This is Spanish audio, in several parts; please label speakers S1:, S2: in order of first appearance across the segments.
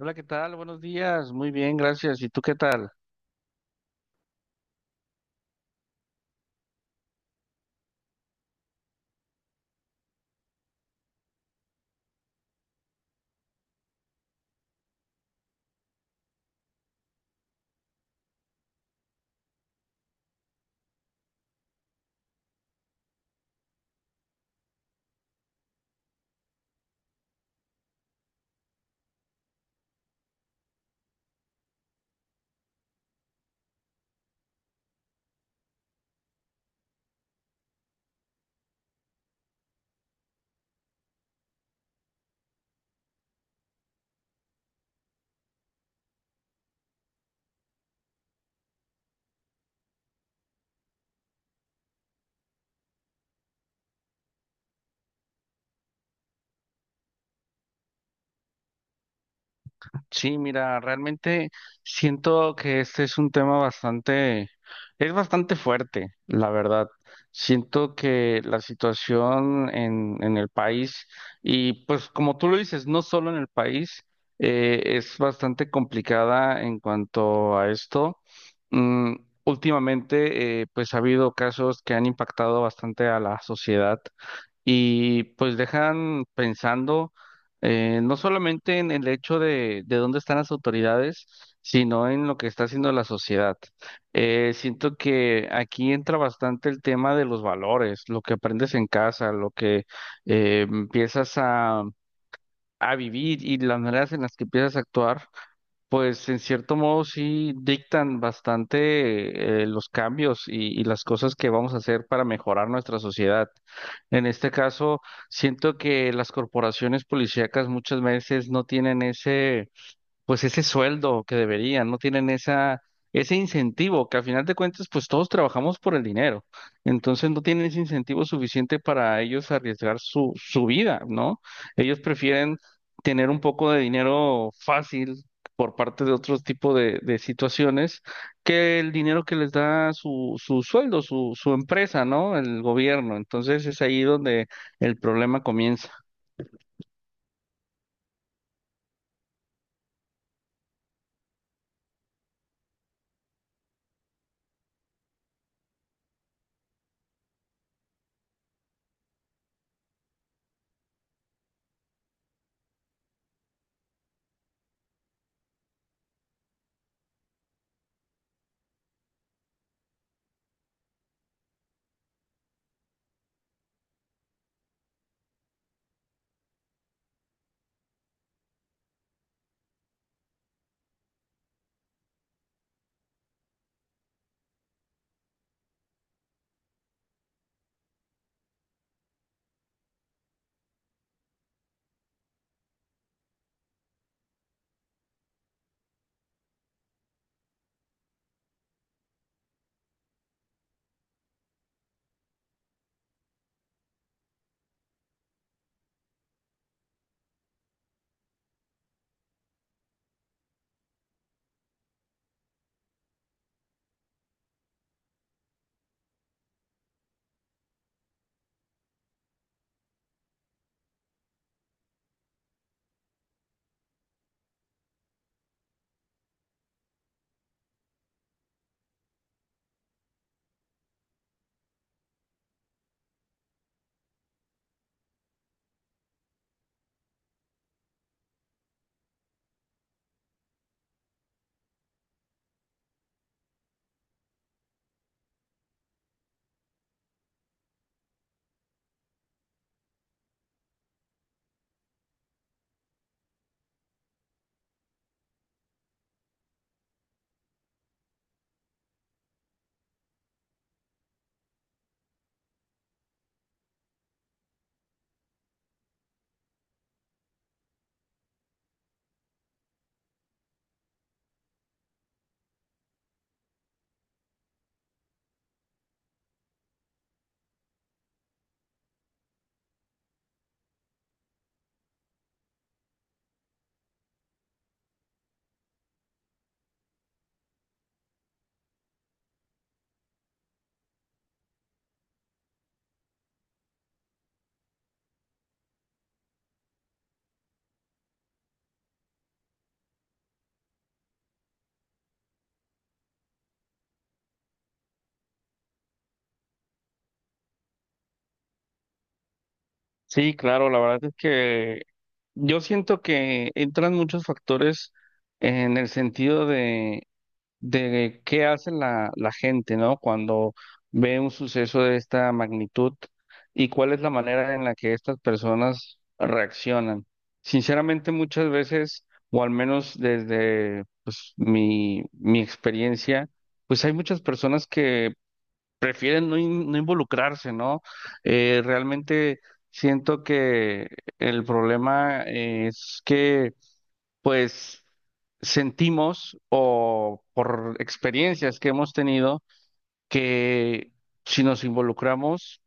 S1: Hola, ¿qué tal? Buenos días. Muy bien, gracias. ¿Y tú qué tal? Sí, mira, realmente siento que este es un tema es bastante fuerte, la verdad. Siento que la situación en el país, y pues como tú lo dices, no solo en el país, es bastante complicada en cuanto a esto. Mm, últimamente, pues ha habido casos que han impactado bastante a la sociedad y pues dejan pensando. No solamente en el hecho de dónde están las autoridades, sino en lo que está haciendo la sociedad. Siento que aquí entra bastante el tema de los valores, lo que aprendes en casa, lo que empiezas a vivir y las maneras en las que empiezas a actuar pues en cierto modo sí dictan bastante los cambios y las cosas que vamos a hacer para mejorar nuestra sociedad. En este caso, siento que las corporaciones policíacas muchas veces no tienen ese pues ese sueldo que deberían, no tienen ese incentivo, que al final de cuentas, pues todos trabajamos por el dinero. Entonces no tienen ese incentivo suficiente para ellos arriesgar su vida, ¿no? Ellos prefieren tener un poco de dinero fácil por parte de otro tipo de situaciones que el dinero que les da su sueldo, su empresa, ¿no? El gobierno. Entonces es ahí donde el problema comienza. Sí, claro, la verdad es que yo siento que entran muchos factores en el sentido de qué hace la gente, ¿no? Cuando ve un suceso de esta magnitud y cuál es la manera en la que estas personas reaccionan. Sinceramente, muchas veces, o al menos desde pues, mi experiencia, pues hay muchas personas que prefieren no involucrarse, ¿no? Realmente siento que el problema pues, sentimos o por experiencias que hemos tenido que si nos involucramos,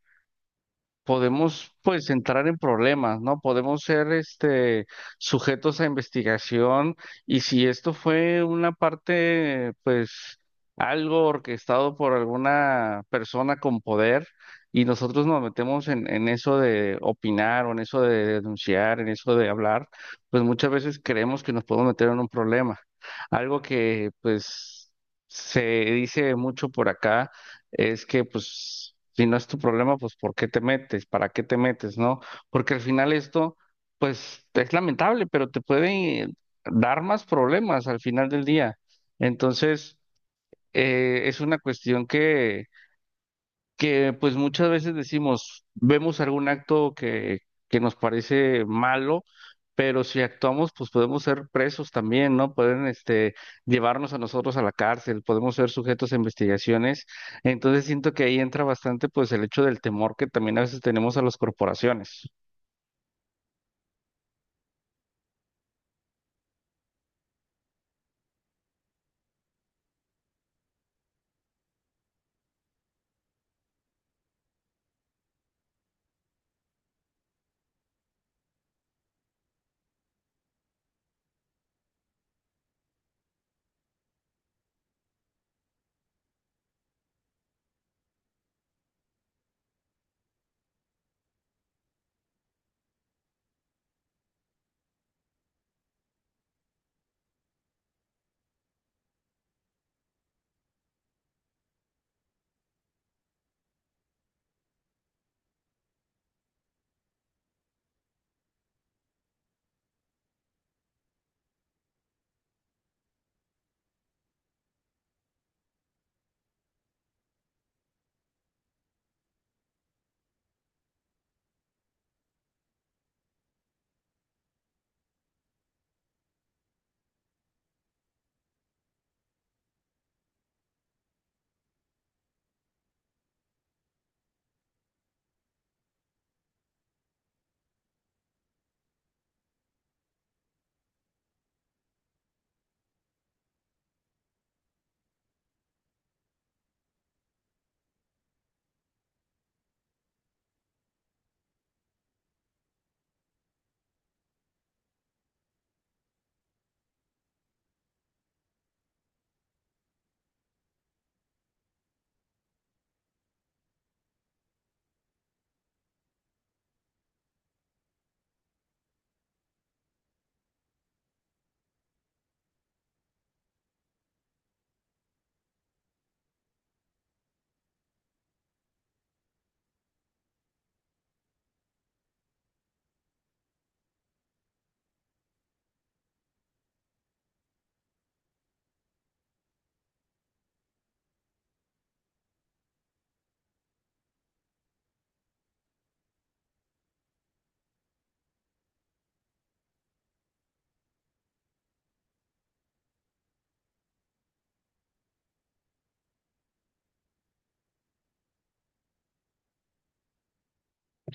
S1: podemos pues entrar en problemas, ¿no? Podemos ser este sujetos a investigación y si esto fue una parte pues algo orquestado por alguna persona con poder y nosotros nos metemos en eso de opinar o en eso de denunciar, en eso de hablar, pues muchas veces creemos que nos podemos meter en un problema. Algo que pues se dice mucho por acá es que pues si no es tu problema, pues ¿por qué te metes? ¿Para qué te metes? ¿No? Porque al final esto, pues es lamentable, pero te puede dar más problemas al final del día. Entonces, es una cuestión que pues muchas veces decimos, vemos algún acto que nos parece malo, pero si actuamos, pues podemos ser presos también, ¿no? Pueden este, llevarnos a nosotros a la cárcel, podemos ser sujetos a investigaciones. Entonces siento que ahí entra bastante pues el hecho del temor que también a veces tenemos a las corporaciones.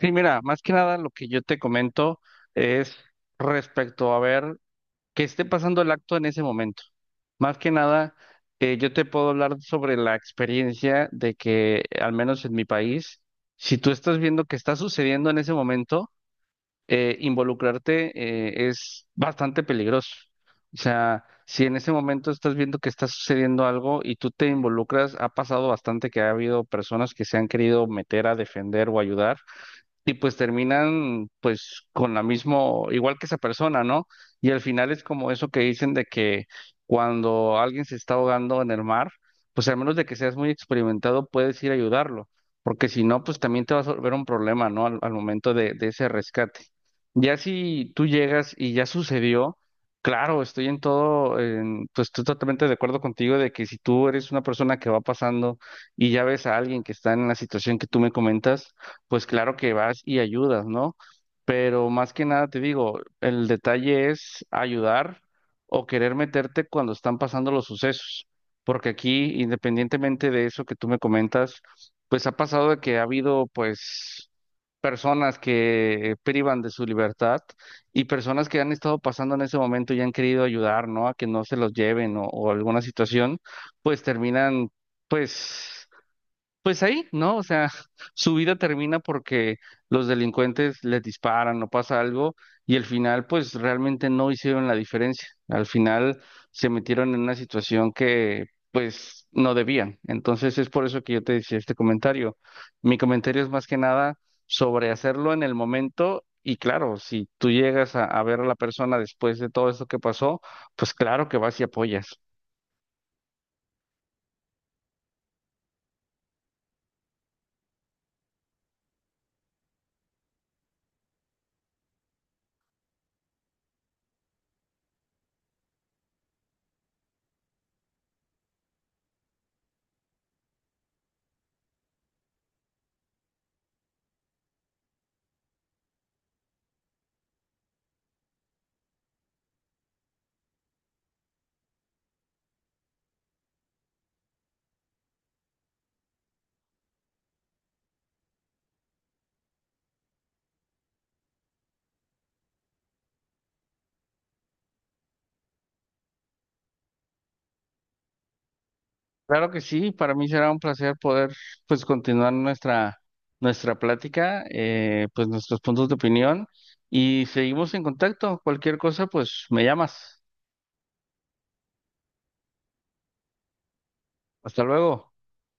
S1: Sí, mira, más que nada lo que yo te comento es respecto a ver que esté pasando el acto en ese momento. Más que nada, yo te puedo hablar sobre la experiencia de que al menos en mi país, si tú estás viendo que está sucediendo en ese momento, involucrarte es bastante peligroso. O sea, si en ese momento estás viendo que está sucediendo algo y tú te involucras, ha pasado bastante que ha habido personas que se han querido meter a defender o ayudar y pues terminan pues con la mismo, igual que esa persona, ¿no? Y al final es como eso que dicen de que cuando alguien se está ahogando en el mar, pues al menos de que seas muy experimentado, puedes ir a ayudarlo, porque si no, pues también te vas a volver un problema, ¿no? Al momento de ese rescate. Ya si tú llegas y ya sucedió, claro, estoy en todo, pues estoy totalmente de acuerdo contigo de que si tú eres una persona que va pasando y ya ves a alguien que está en la situación que tú me comentas, pues claro que vas y ayudas, ¿no? Pero más que nada te digo, el detalle es ayudar o querer meterte cuando están pasando los sucesos, porque aquí, independientemente de eso que tú me comentas, pues ha pasado de que ha habido pues personas que privan de su libertad y personas que han estado pasando en ese momento y han querido ayudar, ¿no? A que no se los lleven o alguna situación, pues terminan pues pues ahí, ¿no? O sea, su vida termina porque los delincuentes les disparan o pasa algo y al final pues realmente no hicieron la diferencia. Al final se metieron en una situación que pues no debían. Entonces es por eso que yo te decía este comentario. Mi comentario es más que nada sobre hacerlo en el momento y claro, si tú llegas a ver a la persona después de todo esto que pasó, pues claro que vas y apoyas. Claro que sí, para mí será un placer poder pues continuar nuestra plática, pues nuestros puntos de opinión y seguimos en contacto. Cualquier cosa, pues me llamas. Hasta luego.